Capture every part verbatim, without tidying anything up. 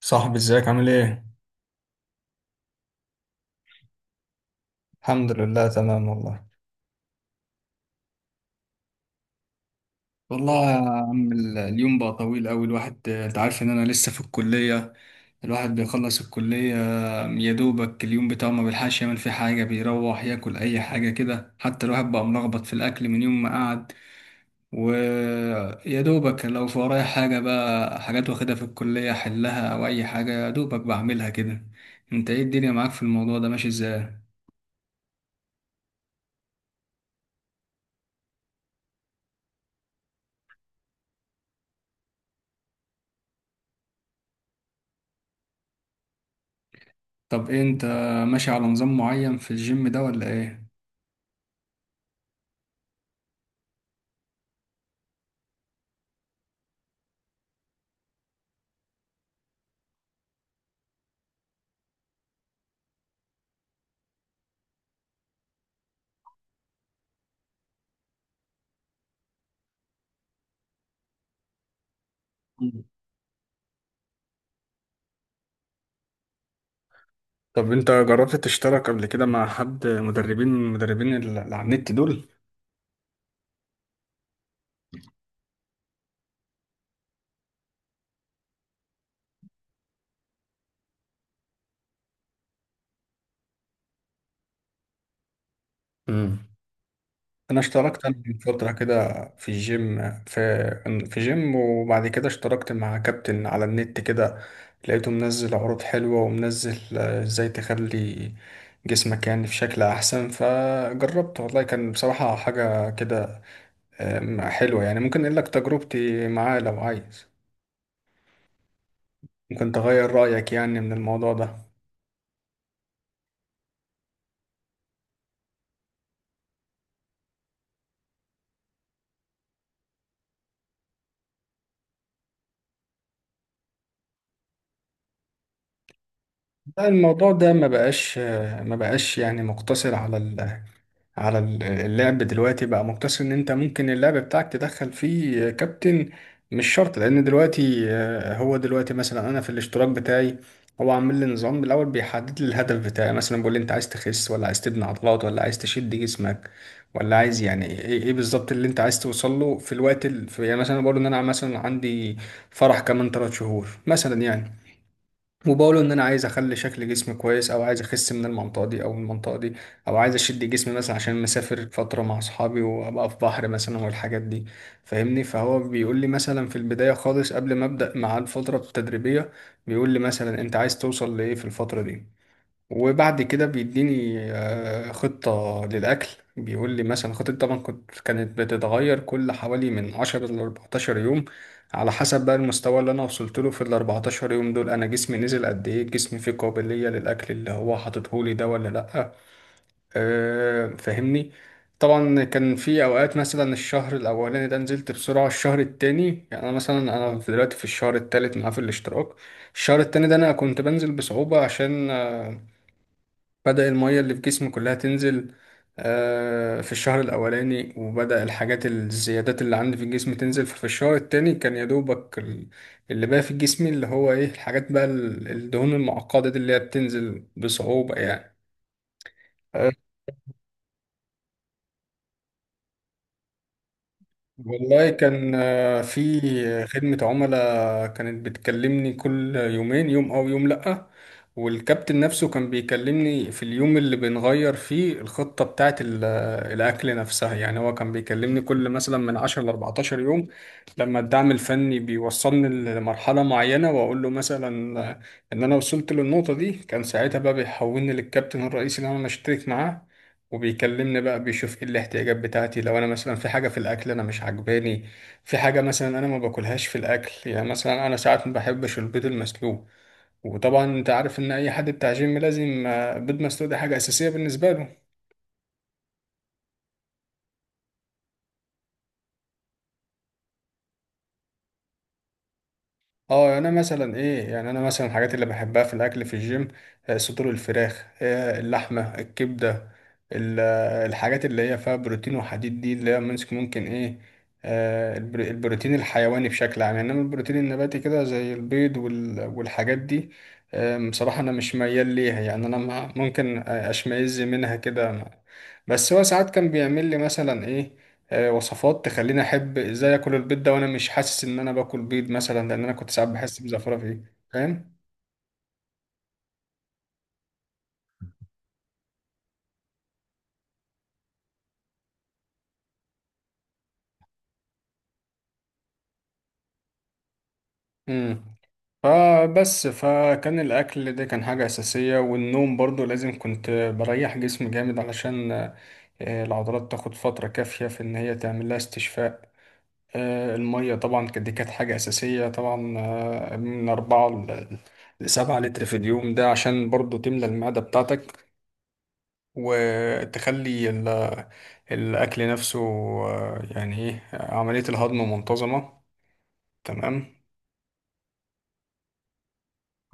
صاحبي ازيك عامل ايه؟ الحمد لله تمام والله. والله يا عم ال- اليوم بقى طويل قوي. الواحد انت عارف ان انا لسه في الكلية. الواحد بيخلص الكلية يا دوبك اليوم بتاعه ما بيلحقش يعمل فيه حاجة، بيروح ياكل اي حاجة كده. حتى الواحد بقى ملخبط في الاكل من يوم ما قعد. ويا دوبك لو في ورايا حاجة بقى، حاجات واخدها في الكلية احلها او اي حاجة يا دوبك بعملها كده. انت ايه الدنيا معاك في الموضوع ده ماشي ازاي؟ طب إيه انت ماشي على نظام معين في الجيم ده ولا ايه؟ مم. طب انت جربت تشترك قبل كده مع حد مدربين من المدربين اللي على النت دول؟ امم، انا اشتركت انا من فترة كده في الجيم، في في جيم، وبعد كده اشتركت مع كابتن على النت كده. لقيته منزل عروض حلوة، ومنزل آه، ازاي تخلي جسمك يعني في شكل احسن. فجربت والله، كان بصراحة حاجة كده آه، حلوة يعني. ممكن اقول لك تجربتي معاه لو عايز؟ ممكن تغير رأيك يعني من الموضوع ده. لا، الموضوع ده ما بقاش ما بقاش يعني مقتصر على ال- على ال- اللعب دلوقتي. بقى مقتصر ان انت ممكن اللعب بتاعك تدخل فيه كابتن، مش شرط. لان دلوقتي آه، هو دلوقتي مثلا انا في الاشتراك بتاعي، هو عامل لي نظام. بالاول بيحدد لي الهدف بتاعي، مثلا بيقول لي انت عايز تخس ولا عايز تبني عضلات ولا عايز تشد جسمك ولا عايز يعني ايه، إيه بالظبط اللي انت عايز توصل له في الوقت ال... في- يعني مثلا بقول ان انا مثلا عندي فرح كمان ثلاث شهور مثلا يعني. وبقوله ان انا عايز اخلي شكل جسمي كويس، او عايز اخس من المنطقه دي او من المنطقه دي، او عايز اشد جسمي مثلا عشان مسافر فتره مع اصحابي وابقى في بحر مثلا والحاجات دي، فاهمني. فهو بيقول لي مثلا في البدايه خالص قبل ما ابدا مع الفتره التدريبيه، بيقول لي مثلا انت عايز توصل لايه في الفتره دي. وبعد كده بيديني آه، خطة للأكل. بيقول لي مثلا خطة، طبعا كنت كانت بتتغير كل حوالي من عشرة ل أربعتاشر يوم، على حسب بقى المستوى اللي أنا وصلت له. في ال أربعتاشر يوم دول أنا جسمي نزل قد إيه، جسمي فيه قابلية للأكل اللي هو حاططهولي ده ولا لأ، أه فاهمني. طبعا كان في أوقات مثلا الشهر الأولاني ده نزلت بسرعة، الشهر التاني يعني، أنا مثلا أنا دلوقتي في الشهر التالت معاه في الاشتراك. الشهر التاني ده أنا كنت بنزل بصعوبة، عشان آه، بدأ المية اللي في جسمي كلها تنزل آه، في الشهر الأولاني. وبدأ الحاجات الزيادات اللي عندي في الجسم تنزل. ففي الشهر التاني كان يا دوبك ال- اللي بقى في جسمي، اللي هو إيه، الحاجات بقى ال- الدهون المعقدة دي اللي هي بتنزل بصعوبة يعني. والله كان آه، في خدمة عملاء كانت بتكلمني كل يومين، يوم أو يوم لأ. والكابتن نفسه كان بيكلمني في اليوم اللي بنغير فيه الخطة بتاعة ال- آه، الأكل نفسها، يعني هو كان بيكلمني كل مثلا من عشرة ل أربعتاشر يوم. لما الدعم الفني بيوصلني لمرحلة معينة، وأقول له مثلا آه، إن أنا وصلت للنقطة دي، كان ساعتها بقى بيحولني للكابتن الرئيسي اللي أنا بشترك معاه. وبيكلمني بقى، بيشوف ايه الاحتياجات بتاعتي، لو انا مثلا في حاجه في الاكل انا مش عجباني، في حاجه مثلا انا ما باكلهاش في الاكل. يعني مثلا انا ساعات ما بحبش البيض المسلوق، وطبعا انت عارف ان اي حد بتاع جيم لازم آه، بيض مسلوق ده حاجه اساسيه بالنسبه له. اه انا مثلا ايه، يعني انا مثلا الحاجات اللي بحبها في الاكل في الجيم آه، صدور الفراخ، آه، اللحمه، الكبده، ال- آه، الحاجات اللي هي فيها بروتين وحديد دي، اللي هي ممكن، ممكن ايه، آه، البر- البروتين الحيواني بشكل عام. انما البروتين النباتي كده زي البيض وال- والحاجات دي، آم، بصراحه انا مش ميال ليها يعني. انا مع- ممكن اشمئز منها كده. بس هو ساعات كان بيعمل لي مثلا ايه، آه، وصفات تخليني احب ازاي اكل البيض ده، وانا مش حاسس ان انا باكل بيض مثلا، لان انا كنت ساعات بحس بزفرة فيه فاهم. امم، فبس فكان الاكل ده كان حاجة اساسية. والنوم برضو لازم، كنت بريح جسمي جامد علشان آه، العضلات تاخد فترة كافية في ان هي تعمل لها استشفاء. آه، المية طبعا كانت- دي كانت حاجة اساسية طبعا، آه، من اربعة ل- لسبعة لتر في اليوم، ده عشان برضو تملى المعدة بتاعتك، وتخلي ال- الأكل نفسه آه، يعني إيه عملية الهضم منتظمة. تمام.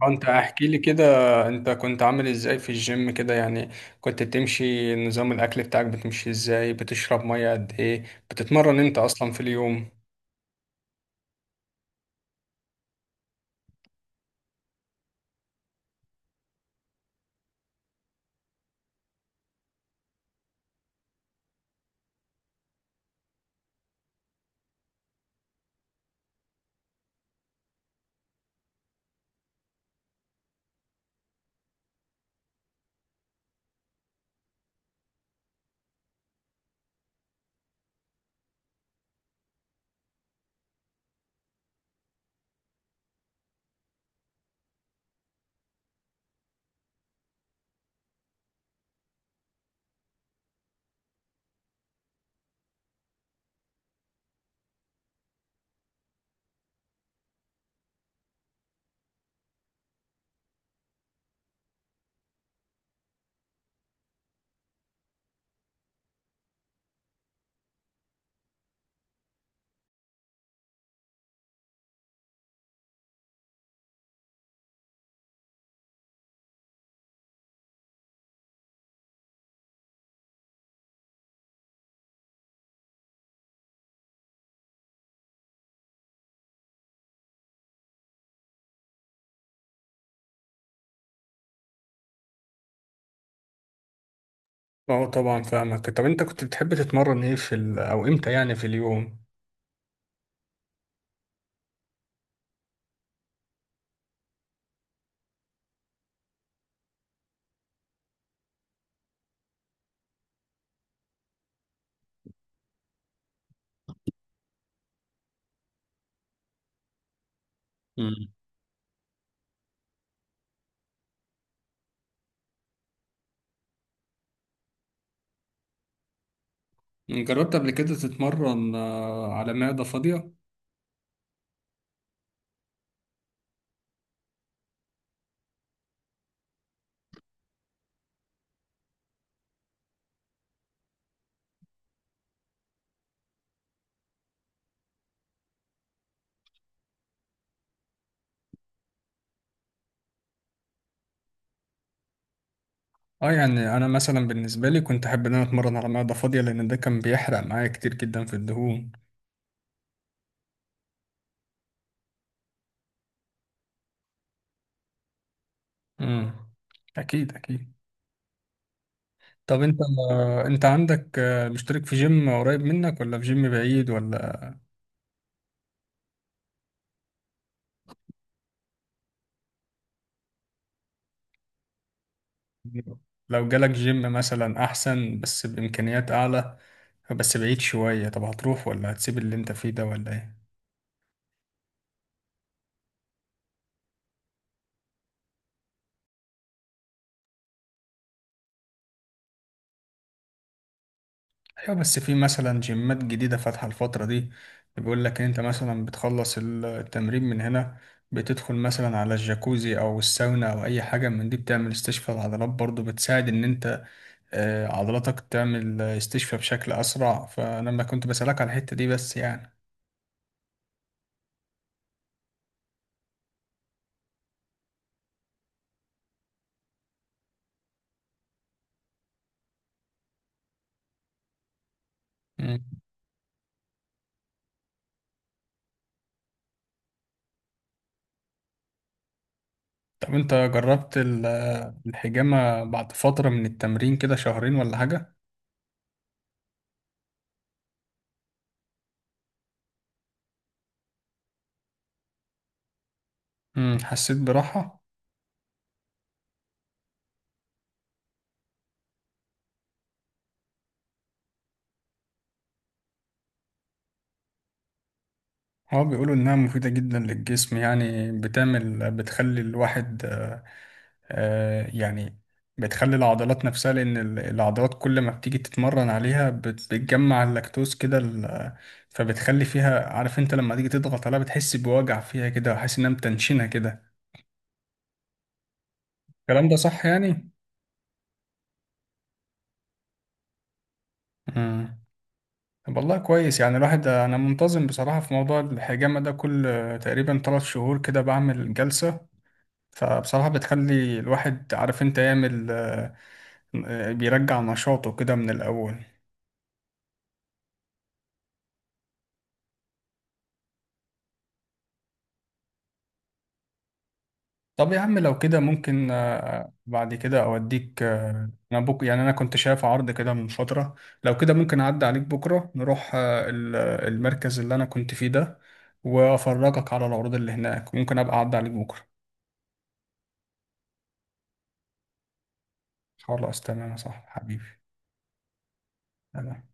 آه، أنت احكي لي كده، أنت كنت عامل إزاي في الجيم كده يعني، كنت بتمشي نظام الأكل بتاعك، بتمشي إزاي، بتشرب مية قد إيه، بتتمرن أنت أصلا في اليوم؟ اه طبعا فاهمك. طب أنت كنت بتحب تتمرن إيه في ال... أو إمتى يعني في اليوم؟ مم. جربت قبل كده تتمرن آه، على معدة فاضية؟ اه، يعني انا مثلا بالنسبه لي كنت احب ان انا اتمرن على معده فاضيه، لان ده كان بيحرق معايا كتير جدا في الدهون. امم، اكيد اكيد. طب انت، انت عندك آه، مشترك في جيم قريب منك ولا في جيم بعيد ولا؟ لو جالك جيم مثلا احسن بس بامكانيات اعلى، بس بعيد شويه، طب هتروح ولا هتسيب اللي انت فيه ده ولا ايه؟ ايوه، بس في مثلا جيمات جديدة فاتحة الفترة دي، بيقول لك إن انت مثلا بتخلص التمرين من هنا، بتدخل مثلا على الجاكوزي او الساونا او اي حاجة من دي، بتعمل استشفاء العضلات، برضو بتساعد ان انت آه، عضلاتك تعمل استشفاء بشكل اسرع. فانا ما كنت بسألك على الحتة دي بس يعني. مم. طب انت جربت ال- الحجامة بعد فترة من التمرين كده، شهرين ولا حاجة؟ مم، حسيت براحة؟ اه بيقولوا انها مفيدة جدا للجسم، يعني بتعمل بتخلي الواحد آه، آه، يعني بتخلي العضلات نفسها. لان ال- العضلات كل ما بتيجي تتمرن عليها بت- بتجمع اللاكتوز كده ال- فبتخلي فيها، عارف انت لما تيجي تضغط عليها بتحس بوجع فيها كده، وحاسس انها متنشنة كده. الكلام ده صح يعني؟ امم. طب والله كويس يعني. الواحد انا منتظم بصراحة في موضوع الحجامة ده، كل تقريبا ثلاث شهور كده بعمل جلسة. فبصراحة بتخلي الواحد، عارف انت يعمل، بيرجع نشاطه كده من الأول. طب يا عم لو كده ممكن آه، بعد كده أوديك، آه، أنا بك يعني أنا كنت شايف عرض كده من فترة، لو كده ممكن أعدي عليك بكرة نروح آه، ال- المركز اللي أنا كنت فيه ده، وأفرجك على العروض اللي هناك. ممكن أبقى أعدي عليك بكرة. خلاص تمام يا صاحبي حبيبي. تمام.